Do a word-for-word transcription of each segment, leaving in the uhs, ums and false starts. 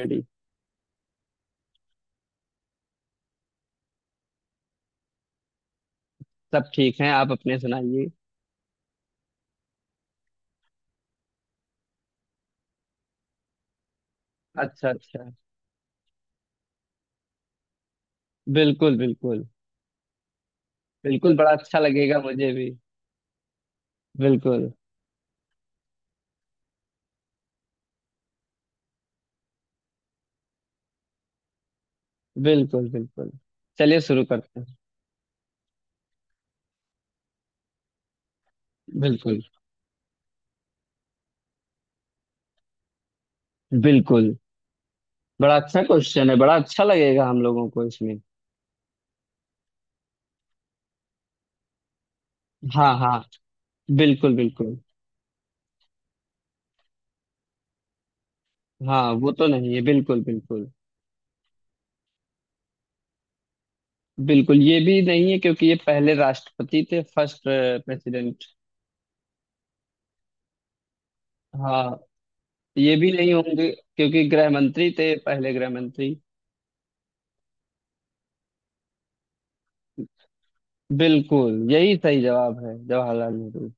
Ready. सब ठीक हैं। आप अपने सुनाइए। अच्छा अच्छा। बिल्कुल बिल्कुल। बिल्कुल। बड़ा अच्छा लगेगा मुझे भी। बिल्कुल। बिल्कुल। बिल्कुल चलिए शुरू करते हैं। बिल्कुल। बिल्कुल। बड़ा अच्छा क्वेश्चन है। बड़ा अच्छा लगेगा हम लोगों को इसमें। हाँ हाँ। बिल्कुल बिल्कुल। हाँ, वो तो नहीं है। बिल्कुल बिल्कुल। बिल्कुल। ये भी नहीं है क्योंकि ये पहले राष्ट्रपति थे, फर्स्ट प्रेसिडेंट। हाँ। ये भी नहीं होंगे क्योंकि गृह मंत्री थे, पहले गृह मंत्री। बिल्कुल यही सही जवाब है, जवाहरलाल नेहरू।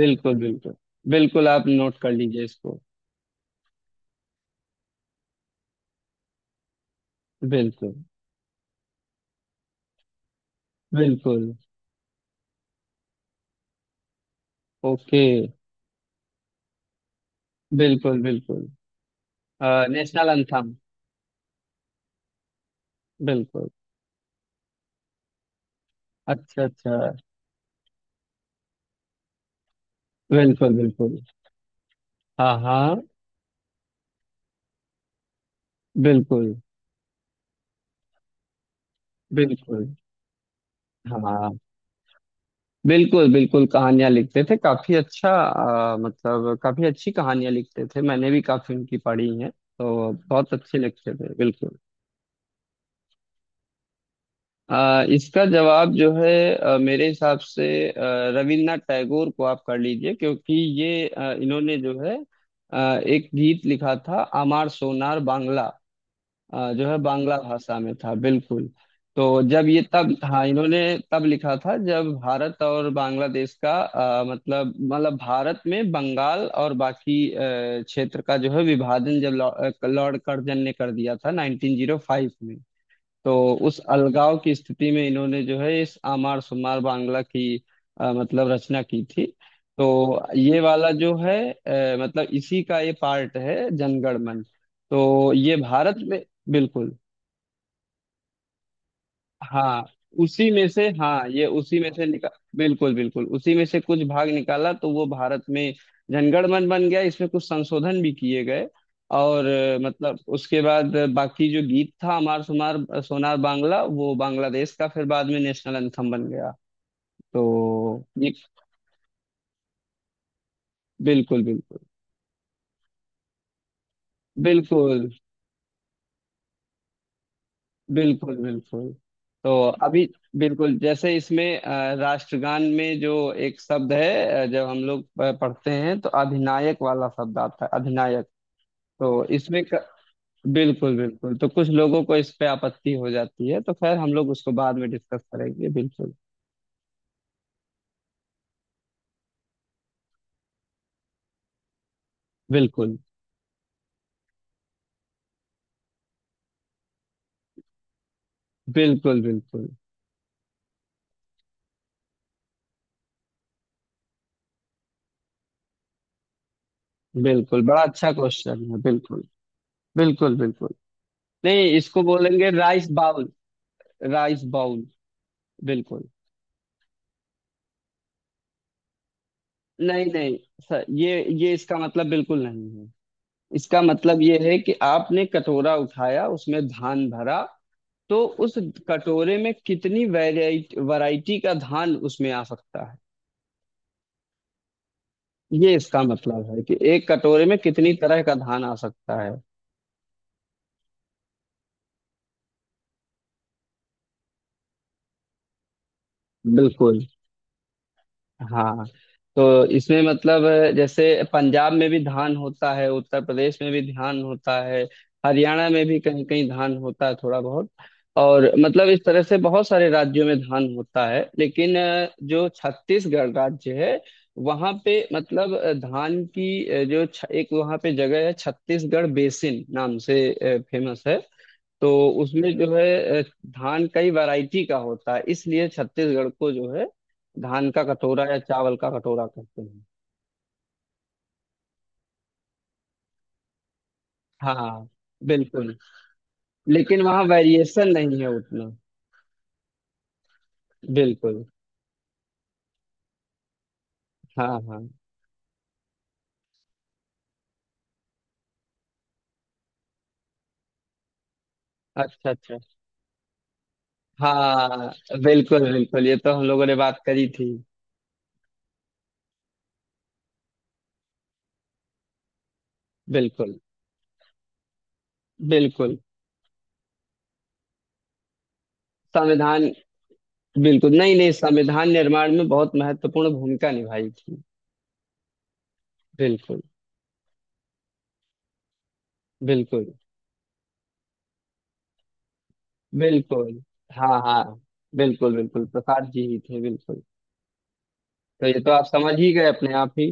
बिल्कुल बिल्कुल। बिल्कुल आप नोट कर लीजिए इसको। बिल्कुल बिल्कुल। ओके। बिल्कुल बिल्कुल। अ, नेशनल अंथम। बिल्कुल। अच्छा अच्छा। बिल्कुल बिल्कुल। हाँ हाँ। बिल्कुल बिल्कुल। हाँ। बिल्कुल बिल्कुल कहानियां लिखते थे, काफी अच्छा। अ, मतलब काफी अच्छी कहानियां लिखते थे। मैंने भी काफी उनकी पढ़ी हैं तो बहुत अच्छे लिखते थे। बिल्कुल। आ, इसका जवाब जो है, आ, मेरे हिसाब से, आ, रविन्द्रनाथ टैगोर को आप कर लीजिए, क्योंकि ये, आ, इन्होंने जो है, आ, एक गीत लिखा था, आमार सोनार बांग्ला, आ, जो है बांग्ला भाषा में था। बिल्कुल। तो जब ये, तब हाँ, इन्होंने तब लिखा था जब भारत और बांग्लादेश का, आ, मतलब मतलब भारत में बंगाल और बाकी आ, क्षेत्र का जो है विभाजन जब लॉर्ड लॉर्ड कर्जन ने कर दिया था नाइन्टीन ओ फाइव में। तो उस अलगाव की स्थिति में इन्होंने जो है इस आमार सुमार बांग्ला की अ, मतलब रचना की थी। तो ये वाला जो है, अ, मतलब इसी का ये पार्ट है, जनगण मन। तो ये भारत में। बिल्कुल। हाँ, उसी में से। हाँ, ये उसी में से निकाल। बिल्कुल बिल्कुल। उसी में से कुछ भाग निकाला तो वो भारत में जनगणमन बन गया। इसमें कुछ संशोधन भी किए गए। और अ, मतलब उसके बाद बाकी जो गीत था अमार सुमार सोनार बांग्ला, वो बांग्लादेश का फिर बाद में नेशनल एंथम बन गया। तो ये। बिल्कुल। बिल्कुल। बिल्कुल। बिल्कुल। बिल्कुल। तो अभी। बिल्कुल जैसे इसमें, अ, राष्ट्रगान में जो एक शब्द है, अ, जब हम लोग प- पढ़ते हैं तो अधिनायक वाला शब्द आता है, अधिनायक। तो इसमें क... बिल्कुल बिल्कुल। तो कुछ लोगों को इस पे आपत्ति हो जाती है, तो खैर हम लोग उसको बाद में डिस्कस करेंगे। बिल्कुल। बिल्कुल। बिल्कुल। बिल्कुल। बिल्कुल बड़ा अच्छा क्वेश्चन है। बिल्कुल बिल्कुल। बिल्कुल। नहीं, इसको बोलेंगे राइस बाउल। Rice bowl. बिल्कुल। नहीं नहीं सर, ये ये इसका मतलब बिल्कुल नहीं है। इसका मतलब ये है कि आपने कटोरा उठाया, उसमें धान भरा। तो उस कटोरे में कितनी वैरायटी वैरायटी का धान उसमें आ सकता है। ये इसका मतलब है कि एक कटोरे में कितनी तरह का धान आ सकता है। बिल्कुल। हाँ। तो इसमें मतलब, अ, जैसे पंजाब में भी धान होता है, उत्तर प्रदेश में भी धान होता है। हरियाणा में भी कहीं कहीं धान होता है, थोड़ा बहुत। और मतलब इस तरह से बहुत सारे राज्यों में धान होता है, लेकिन अ, जो छत्तीसगढ़ राज्य है, वहाँ पे मतलब अ, धान की, अ, जो छ, एक वहाँ पे जगह है छत्तीसगढ़ बेसिन नाम से, फेमस है। तो उसमें जो है, अ, धान कई वैरायटी का होता है, इसलिए छत्तीसगढ़ को जो है धान का कटोरा या चावल का कटोरा कहते हैं। हाँ। बिल्कुल। लेकिन वहाँ वेरिएशन नहीं है उतना। बिल्कुल। हाँ हाँ। अच्छा अच्छा। हाँ। बिल्कुल बिल्कुल। ये तो हम लोगों ने बात करी थी। बिल्कुल। बिल्कुल। संविधान। बिल्कुल। नहीं नहीं, संविधान निर्माण में बहुत महत्वपूर्ण भूमिका निभाई थी। बिल्कुल। बिल्कुल। बिल्कुल। हाँ हाँ। बिल्कुल बिल्कुल प्रसाद जी ही थे। बिल्कुल। तो ये तो आप समझ ही गए अपने आप ही।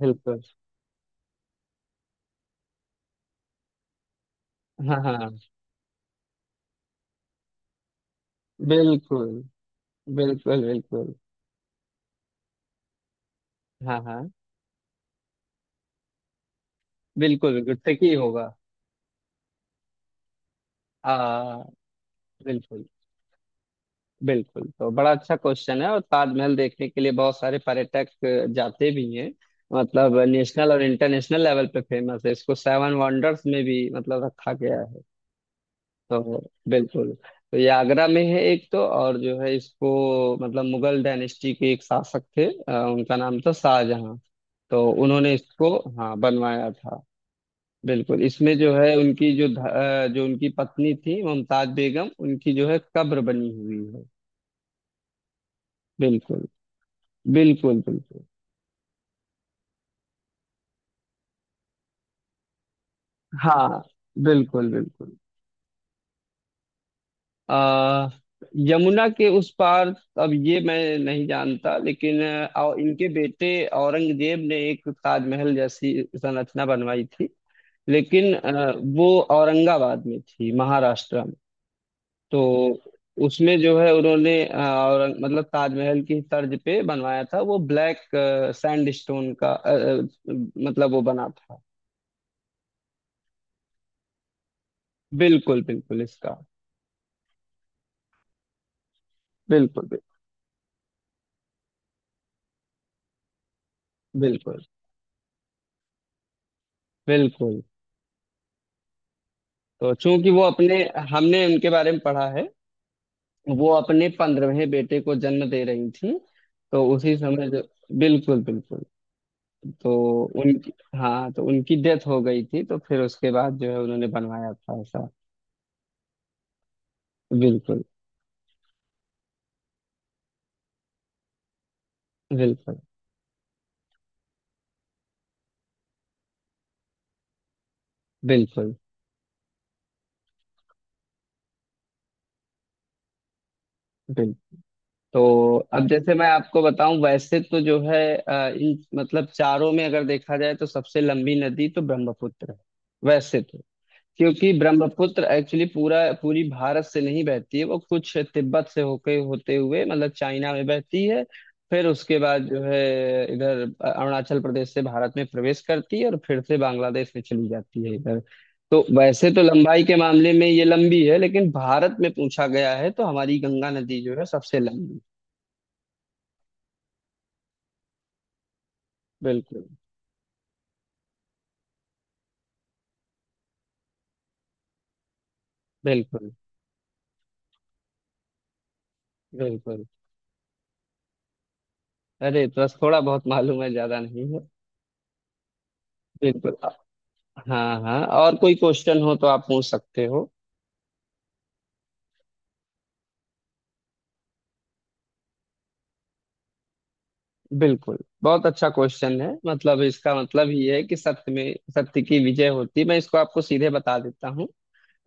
बिल्कुल। हाँ हाँ। बिल्कुल। बिल्कुल। बिल्कुल। हाँ हाँ। बिल्कुल बिल्कुल tricky होगा। आ बिल्कुल। बिल्कुल। तो बड़ा अच्छा क्वेश्चन है, और ताजमहल देखने के लिए बहुत सारे पर्यटक जाते भी हैं। मतलब नेशनल और इंटरनेशनल लेवल पे फेमस है, इसको सेवन वंडर्स में भी मतलब रखा गया है। हाँ। बिल्कुल। तो ये आगरा में है एक तो। और जो है इसको, मतलब मुगल डायनेस्टी के एक शासक थे, अ, उनका नाम था शाहजहां। तो उन्होंने इसको, हाँ, बनवाया था। बिल्कुल। इसमें जो है, उनकी जो ध- अ, जो उनकी पत्नी थी मुमताज बेगम, उनकी जो है कब्र बनी हुई है। बिल्कुल। बिल्कुल। बिल्कुल। हाँ। बिल्कुल बिल्कुल। आ, यमुना के उस पार, अब ये मैं नहीं जानता, लेकिन और इनके बेटे औरंगजेब ने एक ताजमहल जैसी संरचना बनवाई थी। लेकिन अ, वो औरंगाबाद में थी, महाराष्ट्र में। तो उसमें जो है उन्होंने, अ, औरंग मतलब ताजमहल की तर्ज पे बनवाया था वो, ब्लैक सैंड स्टोन का, अ, अ, मतलब वो बना था। बिल्कुल बिल्कुल इसका। बिल्कुल। बिल्कुल। बिल्कुल। तो चूंकि वो अपने, हमने उनके बारे में पढ़ा है, वो अपने पंद्रहवें बेटे को जन्म दे रही थी, तो उसी समय जो। बिल्कुल बिल्कुल। तो उनकी, हाँ, तो उनकी डेथ हो गई थी, तो फिर उसके बाद जो है उन्होंने बनवाया था ऐसा। बिल्कुल। बिल्कुल। बिल्कुल। बिल्कुल। तो अब जैसे मैं आपको बताऊं, वैसे तो जो है, अ, इन मतलब चारों में अगर देखा जाए तो सबसे लंबी नदी तो ब्रह्मपुत्र है। वैसे तो। क्योंकि ब्रह्मपुत्र एक्चुअली पूरा पूरी भारत से नहीं बहती है, वो कुछ तिब्बत से होके होते हुए मतलब चाइना में बहती है। फिर उसके बाद जो है इधर अरुणाचल प्रदेश से भारत में प्रवेश करती है और फिर से बांग्लादेश में चली जाती है इधर। तो वैसे तो लंबाई के मामले में ये लंबी है, लेकिन भारत में पूछा गया है तो हमारी गंगा नदी जो है सबसे लंबी। बिल्कुल। बिल्कुल। बिल्कुल। अरे तो बस थोड़ा बहुत मालूम है, ज्यादा नहीं है। बिल्कुल। हाँ हाँ, और कोई क्वेश्चन हो तो आप पूछ सकते हो। बिल्कुल। बहुत अच्छा क्वेश्चन है। मतलब इसका मतलब ये है कि सत्य में सत्य की विजय होती है। मैं इसको आपको सीधे बता देता हूँ।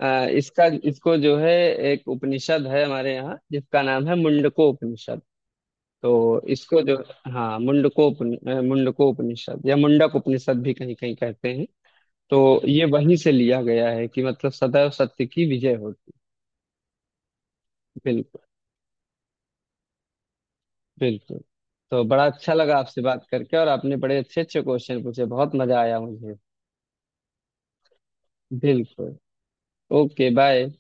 अ, इसका इसको जो है, एक उपनिषद है हमारे यहाँ जिसका नाम है मुंडको उपनिषद। तो इसको जो, हाँ, मुंडको, मुंडको उपनिषद या मुंडक उपनिषद भी कहीं कहीं कहते हैं। तो ये वहीं से लिया गया है कि मतलब सदैव सत्य की विजय होती है। बिल्कुल। बिल्कुल। तो बड़ा अच्छा लगा आपसे बात करके, और आपने बड़े अच्छे अच्छे क्वेश्चन पूछे, बहुत मजा आया मुझे। बिल्कुल। ओके। बाय।